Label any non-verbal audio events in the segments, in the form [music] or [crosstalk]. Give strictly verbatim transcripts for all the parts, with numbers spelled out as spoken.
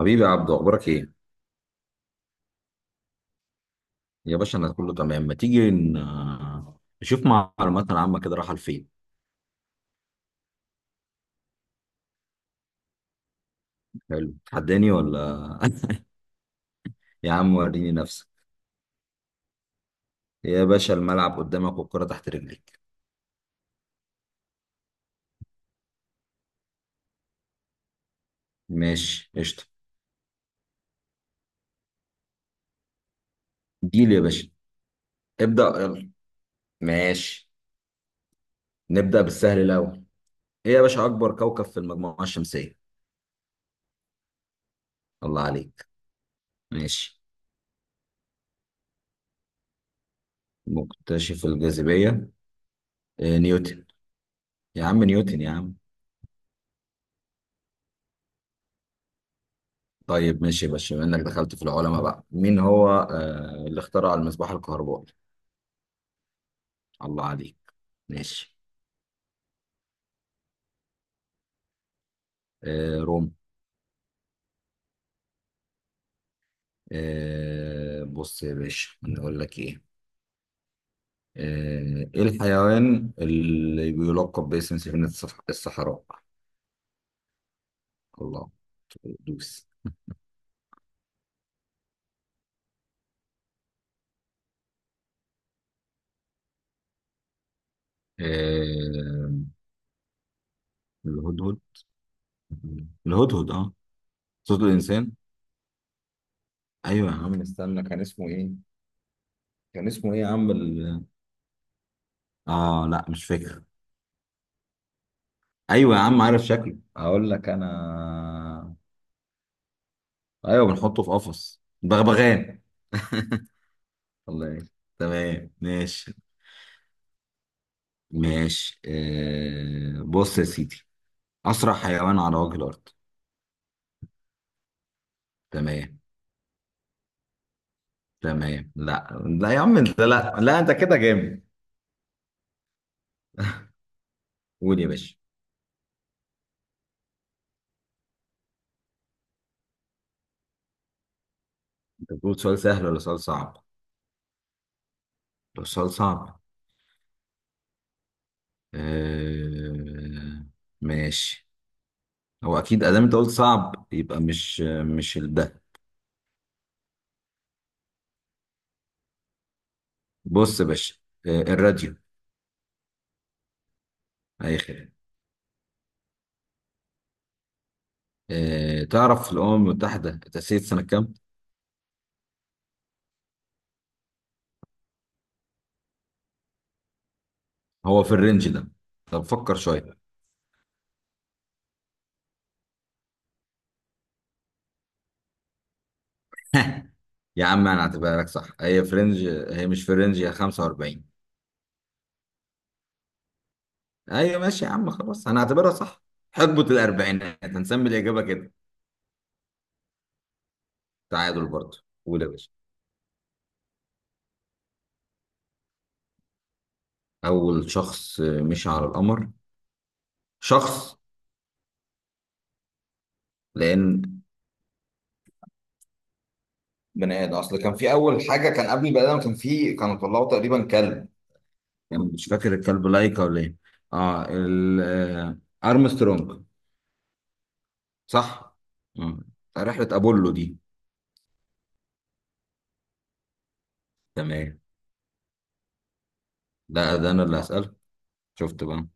حبيبي يا عبدو، اخبارك ايه؟ يا باشا انا كله تمام. ما تيجي ن- نشوف معلوماتنا العامه كده رايحه لفين؟ حلو، تحداني ولا؟ [laughs] يا عم وريني نفسك. يا باشا الملعب قدامك والكره تحت رجليك. ماشي قشطه. جيل يا باشا. ابدا يلا. ماشي. نبدا بالسهل الاول. ايه يا باشا، اكبر كوكب في المجموعه الشمسيه؟ الله عليك. ماشي. مكتشف الجاذبيه؟ إيه، نيوتن. يا عم نيوتن يا عم. طيب ماشي يا باشا، بما انك دخلت في العلماء بقى، مين هو آه اللي اخترع المصباح الكهربائي؟ الله عليك. ماشي. آه روم. آه بص يا باشا، نقول لك ايه، آه ايه الحيوان اللي بيلقب باسم سفينة الصح- الصحراء؟ الله. دوس. آه الهدهد. الهدهد اه. صوت الانسان. ايوه يا عم استنى، كان اسمه ايه؟ كان اسمه ايه يا عم ال... اه لا مش فاكر. ايوه يا عم، عارف شكله، هقول لك انا. ايوه، بنحطه في قفص. بغبغان. الله يعين. تمام ماشي. ماشي، آه بص يا سيدي، اسرع حيوان على وجه الارض؟ تمام. تمام، لا لا يا عم، انت لا لا، انت كده جامد. قول يا باشا. انت بتقول سؤال سهل ولا سؤال صعب؟ ده سؤال صعب. آه، ماشي. هو اكيد ادام انت قلت صعب يبقى مش مش ال- ده. بص يا باشا، آه الراديو. اي خير. آه، تعرف الأمم المتحدة تأسيس سنة كام؟ هو في الرينج ده؟ طب فكر شوية. [laughs] يا عم أنا هعتبرها لك صح، هي في رينج، هي مش في رينج، هي خمسة وأربعين. أيوة ماشي يا عم، خلاص أنا هعتبرها صح. حقبة الأربعينات هنسمي الإجابة كده. تعادل برضه. قول يا باشا. أول شخص مشي على القمر. شخص. لأن بني آدم أصل كان في أول حاجة، كان قبل البني آدم كان في، كانوا طلعوا تقريبا كلب. يعني مش فاكر، الكلب لايكا ولا إيه؟ آه ال- آه، أرمسترونج. صح. مم. رحلة أبولو دي. تمام. ده ده أنا اللي هسألك. شفت بقى.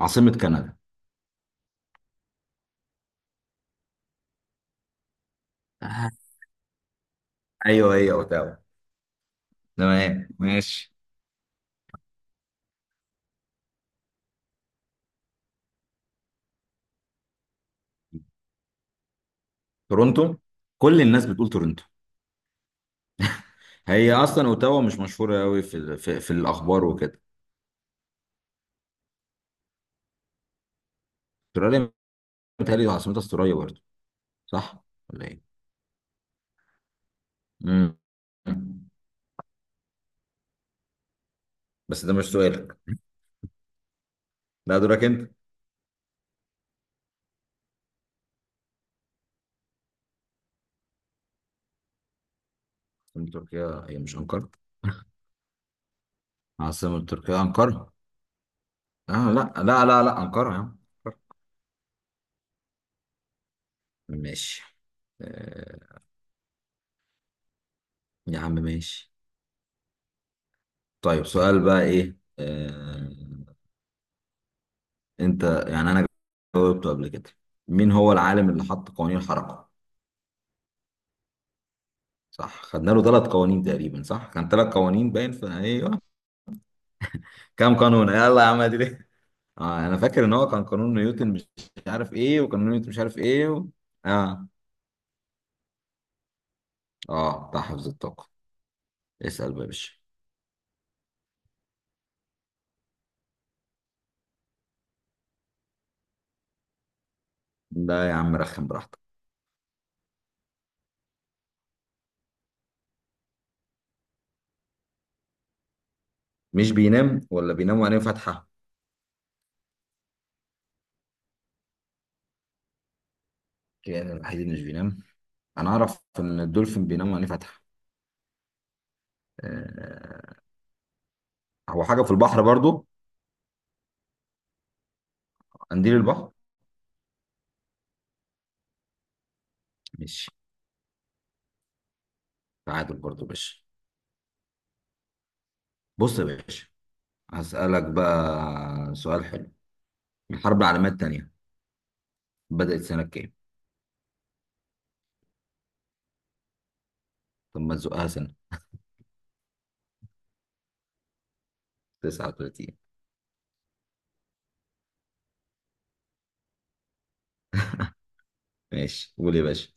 عاصمة كندا. آه. أيوه هي أوتاوا. تمام ماشي. تورونتو. كل الناس بتقول تورونتو. هي أصلا أوتاوا مش مشهورة أوي في في, في الأخبار وكده. أستراليا. متهيألي عاصمتها استراليا برضه. صح ولا إيه؟ مم. بس ده مش سؤالك. لا دورك أنت. عاصمة تركيا هي مش أنقرة؟ عاصمة تركيا أنقرة. آه لا لا لا لا، أنقرة يا عم. أنقرة. ماشي، آه، يا عم ماشي. طيب سؤال بقى ايه آه... انت. يعني انا جاوبته قبل كده. مين هو العالم اللي حط قوانين الحركة؟ صح، خدنا له ثلاث قوانين تقريبا، صح كان ثلاث قوانين باين في، ايوه. كام قانون يلا يا عم ادري. اه انا فاكر ان هو كان قانون نيوتن مش عارف ايه، وقانون نيوتن مش عارف ايه و... اه. اه بتاع حفظ الطاقة. اسأل بقى يا باشا. لا يا عم، رخم براحتك. مش بينام ولا بينام وعينيه فاتحة؟ الكائن الوحيد اللي مش بينام. انا اعرف ان الدولفين بينام وعينيه فاتحة. آه، هو حاجة في البحر برضو؟ قنديل البحر. ماشي. تعادل برضو يا باشا. بص يا باشا، هسألك بقى سؤال حلو. الحرب العالمية التانية بدأت سنة كام؟ طب ما تزقها سنة. تسعة وتلاتين. ماشي قول يا باشا.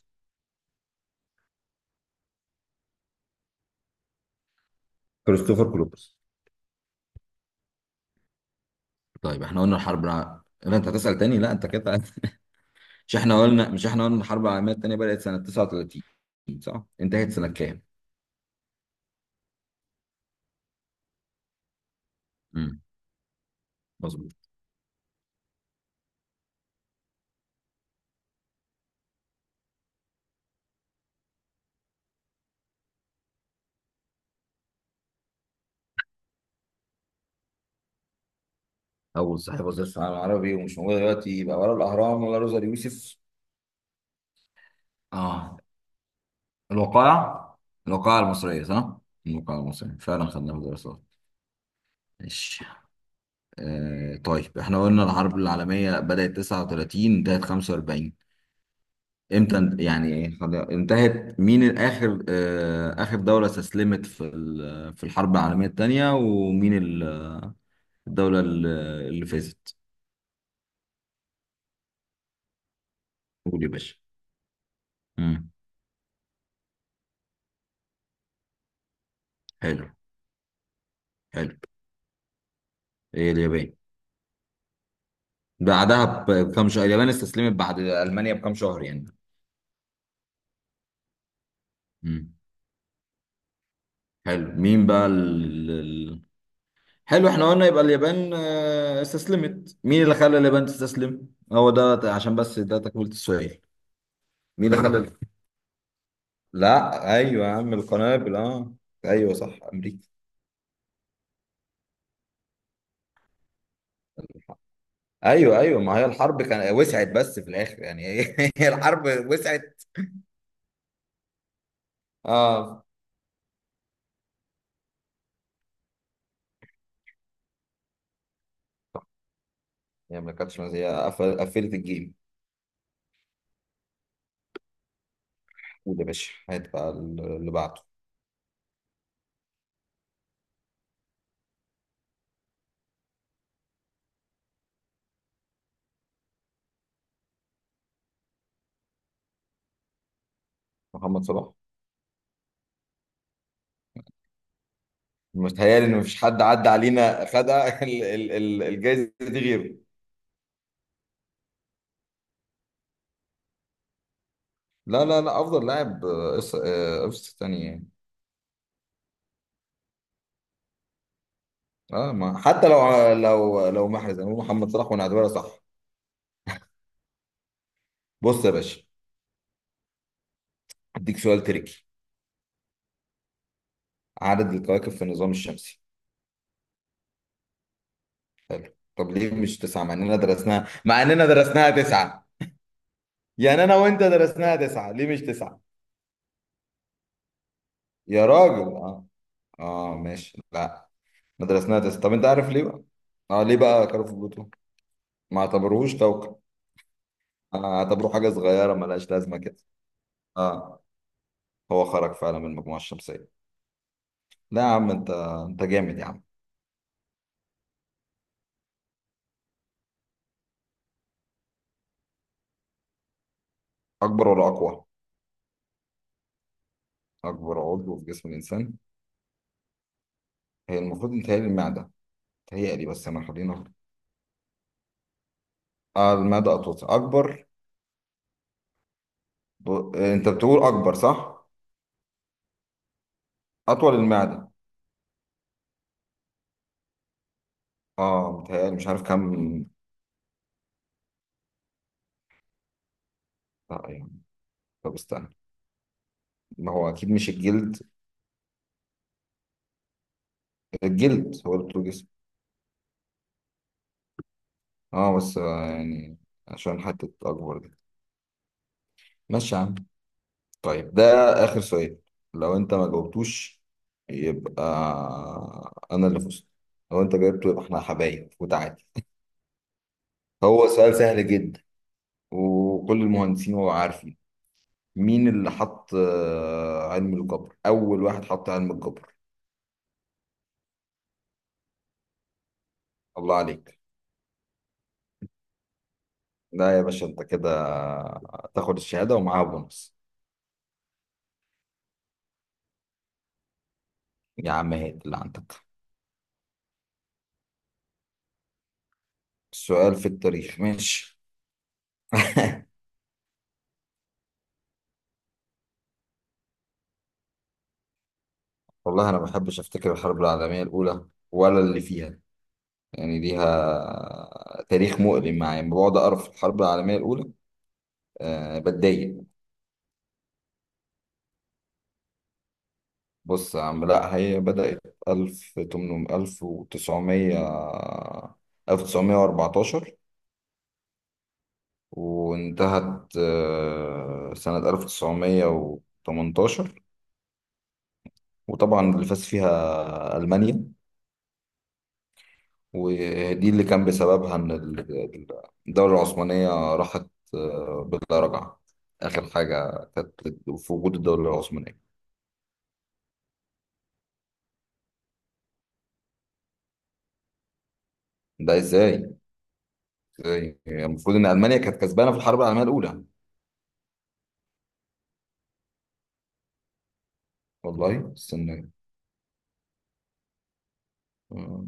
كريستوفر كولومبوس. طيب احنا قلنا الحرب الع... لا انت هتسأل تاني، لا انت كده. [laughs] مش احنا قلنا، مش احنا قلنا الحرب العالمية التانية بدأت سنة تسعة وتلاتين، صح؟ انتهت سنة كام؟ امم. مظبوط. أول صاحب وزير العالم العربي ومش موجود دلوقتي، يبقى ولا الأهرام ولا روزا اليوسف. اه. الوقائع. الوقائع المصرية صح؟ الوقائع المصرية فعلا خدناها في دراسات. ماشي. آه طيب احنا قلنا الحرب العالمية بدأت تسعة وتلاتين انتهت خمسة وأربعين. امتى انت- يعني ايه، خد- انتهت مين الآخر، آه آخر دولة استسلمت في ال- في الحرب العالمية الثانية، ومين ال- الدولة ال- اللي فازت. قول يا باشا. مم. حلو. حلو. هي اليابان. بعدها بكم شهر، اليابان استسلمت بعد ألمانيا بكم شهر يعني. مم. حلو، مين بقى ال... ال- حلو، احنا قلنا يبقى اليابان آه، استسلمت، مين اللي خلى اليابان تستسلم، هو ده عشان بس ده تكملة السؤال. مين اللي خلى. لا ايوه يا عم، القنابل اه. ايوه صح امريكا. ايوه ايوه، ما هي الحرب كان وسعت بس في الاخر يعني. [laughs] هي الحرب وسعت. اه هي ما كانتش، هي قفل- قفلت الجيم. قول يا باشا، هات بقى اللي بعده. محمد صلاح. متهيألي ان مفيش حد عدى علينا خد [laughs] ال- ال- ال- الجايزه دي غيره. لا لا لا، افضل لاعب، آه، إس- آه، قفص تاني يعني. اه ما حتى لو ع- لو لو محرز، يعني محمد صلاح ونعتبرها صح. بص يا باشا، اديك سؤال تريكي. عدد الكواكب في النظام الشمسي. طب ليه مش تسعة؟ مع اننا درسناها، مع اننا درسناها تسعة. يعني انا وانت درسناها تسعة، ليه مش تسعة؟ يا راجل اه. اه ماشي لا. ما درسناها تسعة، طب انت عارف ليه بقى. اه ليه بقى؟ كانوا في بلوتو. ما اعتبروهوش كوكب. آه، اعتبروه حاجة صغيرة ملهاش لازمة كده. اه، هو خرج فعلا من المجموعة الشمسية. لا يا عم انت انت جامد يا عم. اكبر ولا اقوى؟ اكبر عضو في جسم الانسان. هي المفروض متهيألي المعده. متهيألي بس انا خلينا. اه المعده اطول اكبر. ب... انت بتقول اكبر صح؟ اطول، المعده. اه متهيألي مش عارف كام. لا يعني. طب استنى. ما هو اكيد مش الجلد. الجلد هو اللي بتقول جسم. اه بس آه يعني. عشان حته اكبر دي. ماشي يا عم. طيب ده آخر سؤال، لو أنت ما جاوبتوش يبقى أنا اللي فزت، لو أنت جاوبته يبقى إحنا حبايب وتعادل. هو سؤال سهل جدا وكل المهندسين هو عارفين. مين اللي حط آه، علم الجبر، أول واحد حط علم الجبر؟ الله عليك. لا يا باشا، أنت كده تاخد الشهادة ومعاها بونص. يا عم هات اللي عندك. السؤال في التاريخ ماشي. والله أنا ما بحبش أفتكر الحرب العالمية الأولى ولا اللي فيها. يعني ليها تاريخ مؤلم معايا، لما بقعد أقرأ في الحرب العالمية الأولى أه بتضايق. بص يا عم، لا هي بدأت ألف تمنمية ألف وتسعمية ألف تسعمية وأربعتاشر. وانتهت آه، سنة ألف تسعمية وتمنتاشر. وطبعا اللي فاز فيها ألمانيا. ودي اللي كان بسببها إن ال- الدولة العثمانية راحت آه، بلا رجعة. آخر حاجة كانت في وجود الدولة العثمانية. ده ازاي؟ ازاي؟ هي المفروض ان المانيا كانت كسبانه في الحرب العالميه الاولى. والله استنى. آه،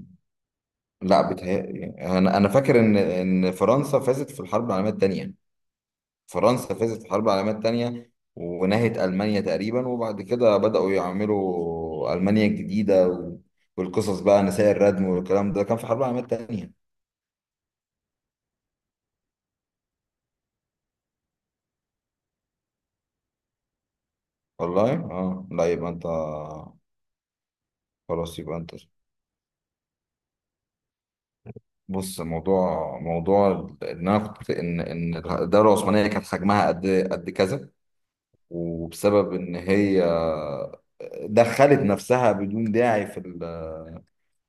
لا بتهيألي، انا انا فاكر ان ان فرنسا فازت في الحرب العالميه الثانيه. فرنسا فازت في الحرب العالميه الثانيه ونهت المانيا تقريبا، وبعد كده بداوا يعملوا المانيا الجديده و- والقصص بقى، نساء الردم والكلام ده كان في الحرب العالميه الثانيه. والله اه لا يبقى انت. خلاص يبقى انت. بص، موضوع موضوع ان انا كنت ان ان الدوله العثمانيه كانت حجمها قد قد كذا. وبسبب ان هي دخلت نفسها بدون داعي في ال-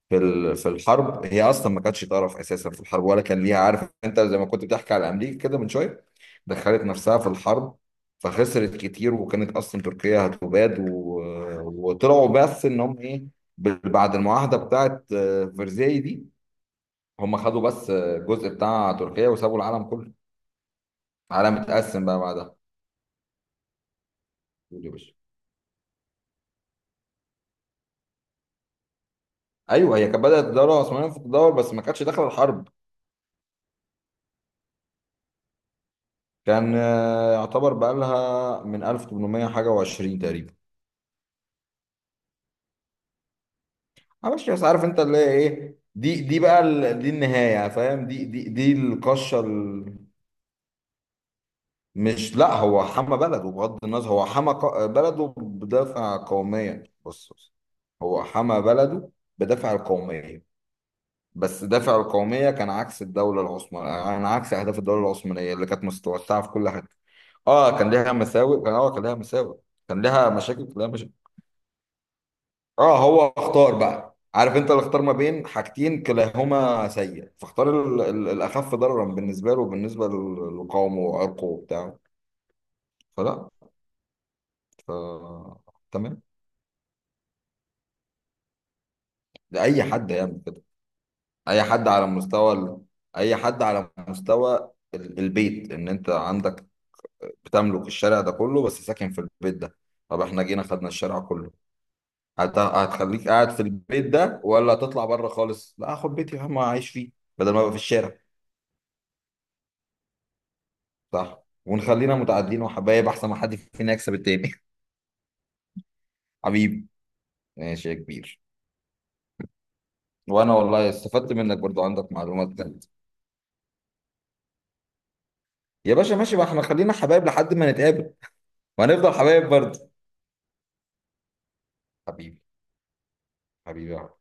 في ال- في الحرب. هي اصلا ما كانتش طرف اساسا في الحرب ولا كان ليها، عارف انت زي ما كنت بتحكي على امريكا كده من شويه. دخلت نفسها في الحرب فخسرت كتير، وكانت اصلا تركيا هتباد و- وطلعوا بس ان هم ايه، ب- بعد المعاهده بتاعت آه، فرساي دي، هم خدوا بس الجزء بتاع تركيا وسابوا العالم كله. العالم اتقسم بقى بعدها. قول يا باشا. ايوه هي كانت بدات الدوله العثمانيه في الدور بس ما كانتش داخله الحرب. كان آه، يعتبر بقى لها من ألف تمنمية حاجه و20 تقريبا. معلش بس، عارف انت اللي هي ايه دي دي بقى ال- دي النهايه يعني، فاهم، دي دي دي القشه ال- مش لا، هو حمى بلده بغض النظر، هو حمى ق- بلده بدافع قوميا. بص بص. هو حمى بلده بدافع القوميه. بس دافع القومية كان عكس الدولة العثمانية، يعني عكس أهداف الدولة العثمانية اللي كانت متوسعة في كل حتة. اه كان ليها مساوئ، كان اه كان ليها مساوئ كان ليها مشاكل كان ليها مشاكل اه هو اختار بقى، عارف انت اللي اختار ما بين حاجتين كلاهما سيء، فاختار ال- ال- الأخف ضررا بالنسبة له وبالنسبة لل- لقومه وعرقه وبتاعه. فلا. ف... تمام. ده أي حد يعمل كده. أي حد على مستوى ال... أي حد على مستوى ال- البيت. ان انت عندك بتملك الشارع ده كله بس ساكن في البيت ده، طب احنا جينا خدنا الشارع كله، هت... هتخليك قاعد في البيت ده ولا هتطلع بره خالص؟ لا هاخد بيتي يا عم اعيش فيه بدل ما ابقى في الشارع. صح، ونخلينا متعادلين وحبايب احسن ما حد فينا يكسب التاني. [laughs] حبيبي. ماشي يا كبير. وانا والله استفدت منك برضو، عندك معلومات جديدة. يا باشا ماشي بقى، احنا خلينا حبايب لحد ما نتقابل. وهنفضل حبايب برضو. حبيبي. حبيبي يا